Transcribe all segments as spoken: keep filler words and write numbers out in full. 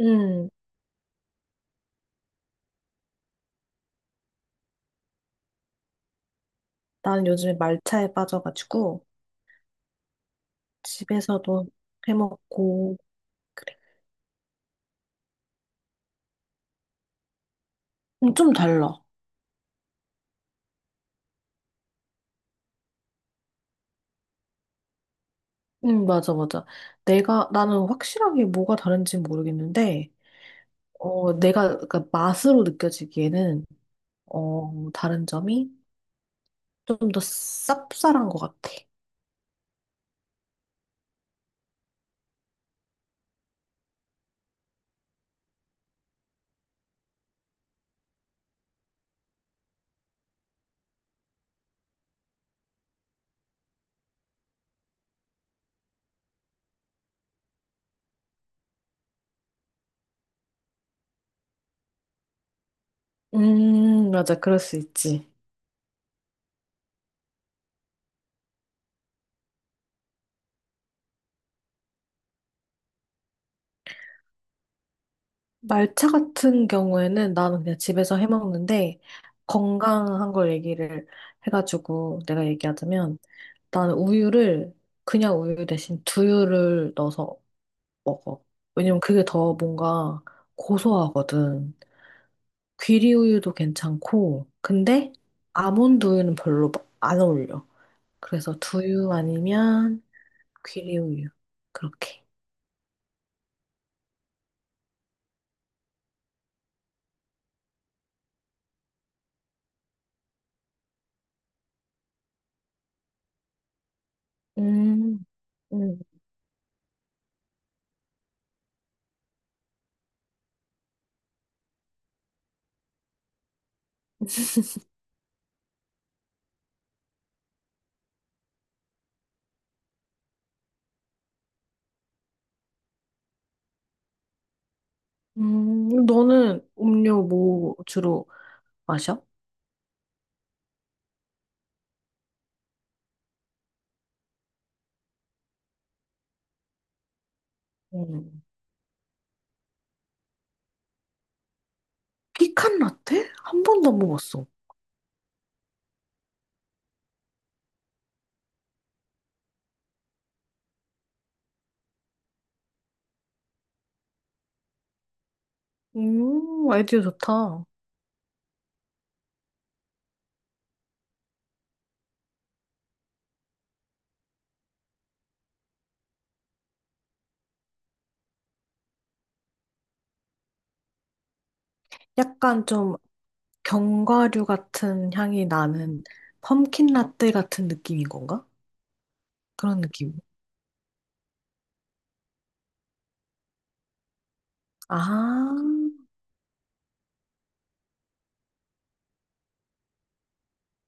음, 난 요즘에 말차에 빠져가지고 집에서도 해먹고 그래. 음, 좀 달라. 음, 맞아, 맞아. 내가 나는 확실하게 뭐가 다른지 모르겠는데, 어, 내가 그러니까 맛으로 느껴지기에는 어, 다른 점이 좀 더 쌉쌀한 것 같아. 음, 맞아, 그럴 수 있지. 말차 같은 경우에는 나는 그냥 집에서 해먹는데 건강한 걸 얘기를 해가지고 내가 얘기하자면. 나는 우유를 그냥 우유 대신 두유를 넣어서 먹어. 왜냐면 그게 더 뭔가 고소하거든. 귀리 우유도 괜찮고, 근데 아몬드 우유는 별로 안 어울려. 그래서 두유 아니면 귀리 우유. 그렇게. 음, 음, 음. 너는 음료 뭐 주로 마셔? 음. 피칸 라떼? 한 번도 안 먹었어. 음, 아이디어 좋다. 약간 좀 견과류 같은 향이 나는 펌킨 라떼 같은 느낌인 건가? 그런 느낌. 아,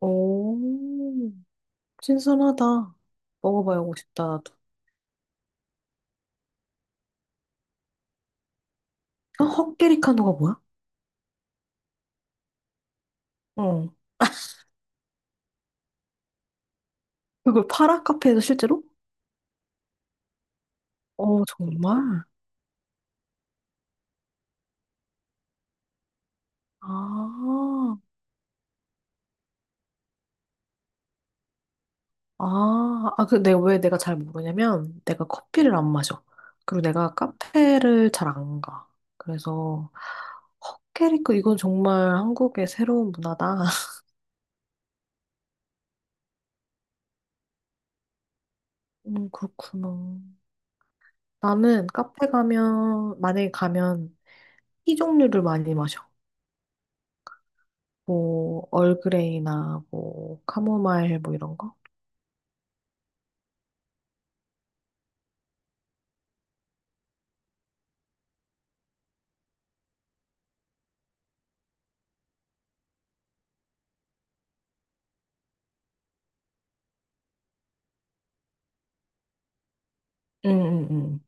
오, 신선하다. 먹어봐야고 싶다, 나도. 어, 헛개리카노가 뭐야? 어. 그걸 팔아? 카페에서 실제로? 어, 정말? 아, 아, 아, 그 내가 왜 내가 잘 모르냐면 내가 커피를 안 마셔. 그리고 내가 카페를 잘 안 가. 그래서 헛개리카 이건 정말 한국의 새로운 문화다. 음, 그렇구나. 나는 카페 가면, 만약에 가면 티 종류를 많이 마셔. 뭐, 얼그레이나 뭐, 카모마일 뭐 이런 거? 응, 응, 응.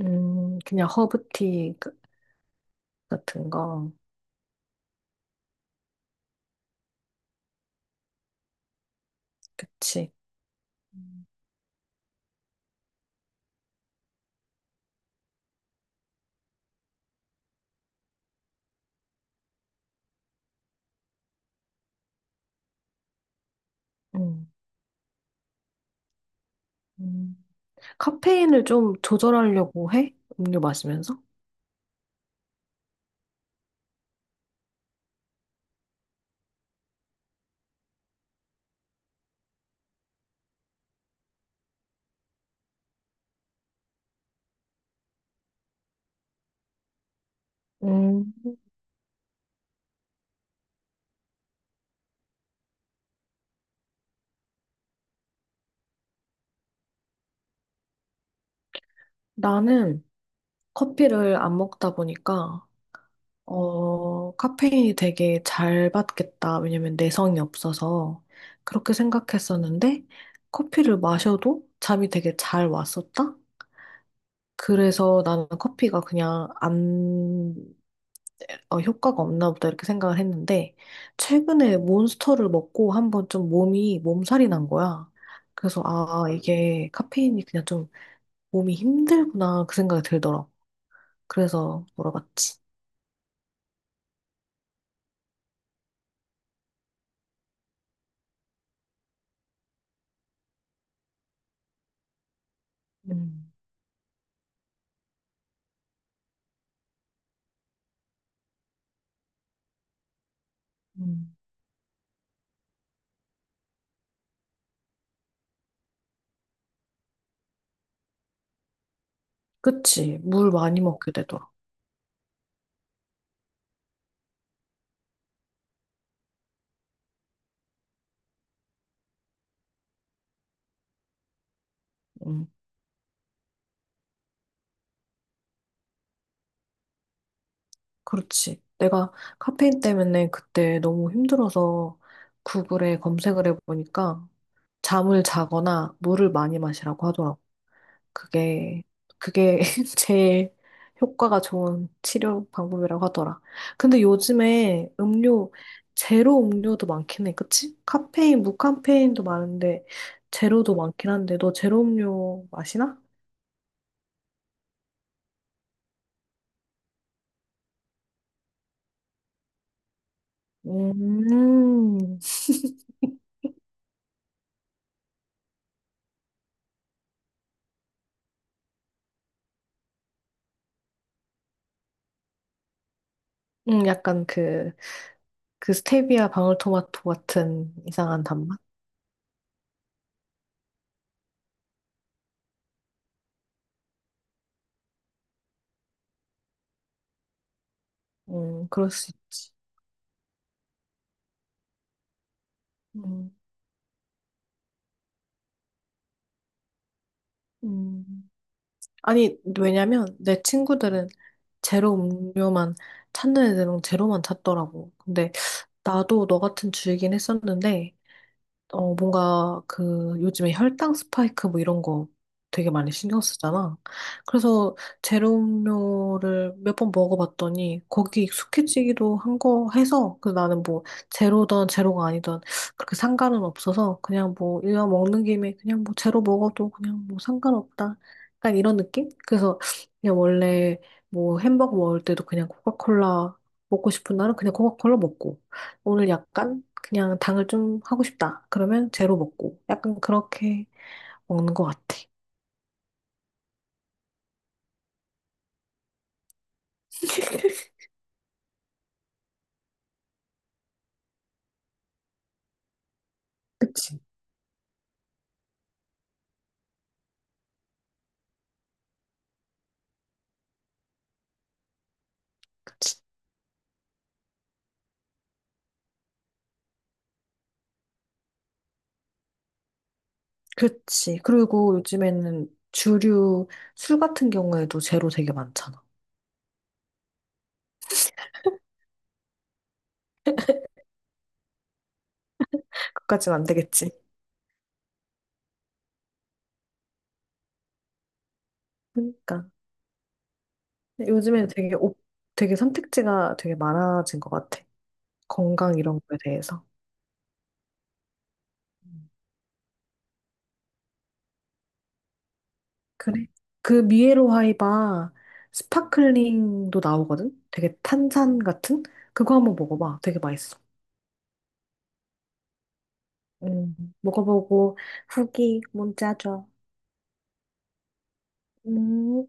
음, 그냥 허브티 그- 같은 거. 그치. 음. 음. 음. 카페인을 좀 조절하려고 해? 음료 마시면서? 음. 나는 커피를 안 먹다 보니까 어, 카페인이 되게 잘 받겠다. 왜냐면 내성이 없어서 그렇게 생각했었는데 커피를 마셔도 잠이 되게 잘 왔었다? 그래서 나는 커피가 그냥 안, 어, 효과가 없나 보다 이렇게 생각을 했는데 최근에 몬스터를 먹고 한번 좀 몸이 몸살이 난 거야. 그래서 아, 이게 카페인이 그냥 좀 몸이 힘들구나 그 생각이 들더라. 그래서 물어봤지. 음, 음. 그치. 물 많이 먹게 되더라. 음, 그렇지. 내가 카페인 때문에 그때 너무 힘들어서 구글에 검색을 해보니까 잠을 자거나 물을 많이 마시라고 하더라고. 그게, 그게 제일 효과가 좋은 치료 방법이라고 하더라. 근데 요즘에 음료, 제로 음료도 많긴 해. 그치? 카페인, 무카페인도 많은데, 제로도 많긴 한데, 너 제로 음료 마시나? 음, 음, 약간 그, 그 스테비아 방울토마토 같은 이상한 단맛? 음, 그럴 수 있지. 음, 음. 아니, 왜냐면 내 친구들은 제로 음료만 찾는 애들은 제로만 찾더라고. 근데 나도 너 같은 주이긴 했었는데, 어, 뭔가 그 요즘에 혈당 스파이크 뭐 이런 거 되게 많이 신경 쓰잖아. 그래서 제로 음료를 몇 번 먹어봤더니 거기 익숙해지기도 한 거 해서 그 나는 뭐 제로든 제로가 아니든 그렇게 상관은 없어서 그냥 뭐 이왕 먹는 김에 그냥 뭐 제로 먹어도 그냥 뭐 상관없다. 약간 이런 느낌? 그래서 그냥 원래 뭐 햄버거 먹을 때도 그냥 코카콜라 먹고 싶은 날은 그냥 코카콜라 먹고 오늘 약간 그냥 당을 좀 하고 싶다. 그러면 제로 먹고. 약간 그렇게 먹는 것 같아. 그치. 그리고 요즘에는 주류 술 같은 경우에도 제로 되게 많잖아. 그까진 안 되겠지. 그러니까. 요즘에는 되게 옵, 되게 선택지가 되게 많아진 것 같아. 건강 이런 거에 대해서. 음. 그래. 그 미에로 하이바 스파클링도 나오거든? 되게 탄산 같은? 그거 한번 먹어봐. 되게 맛있어. 음, 먹어보고 후기 문자 줘. 음.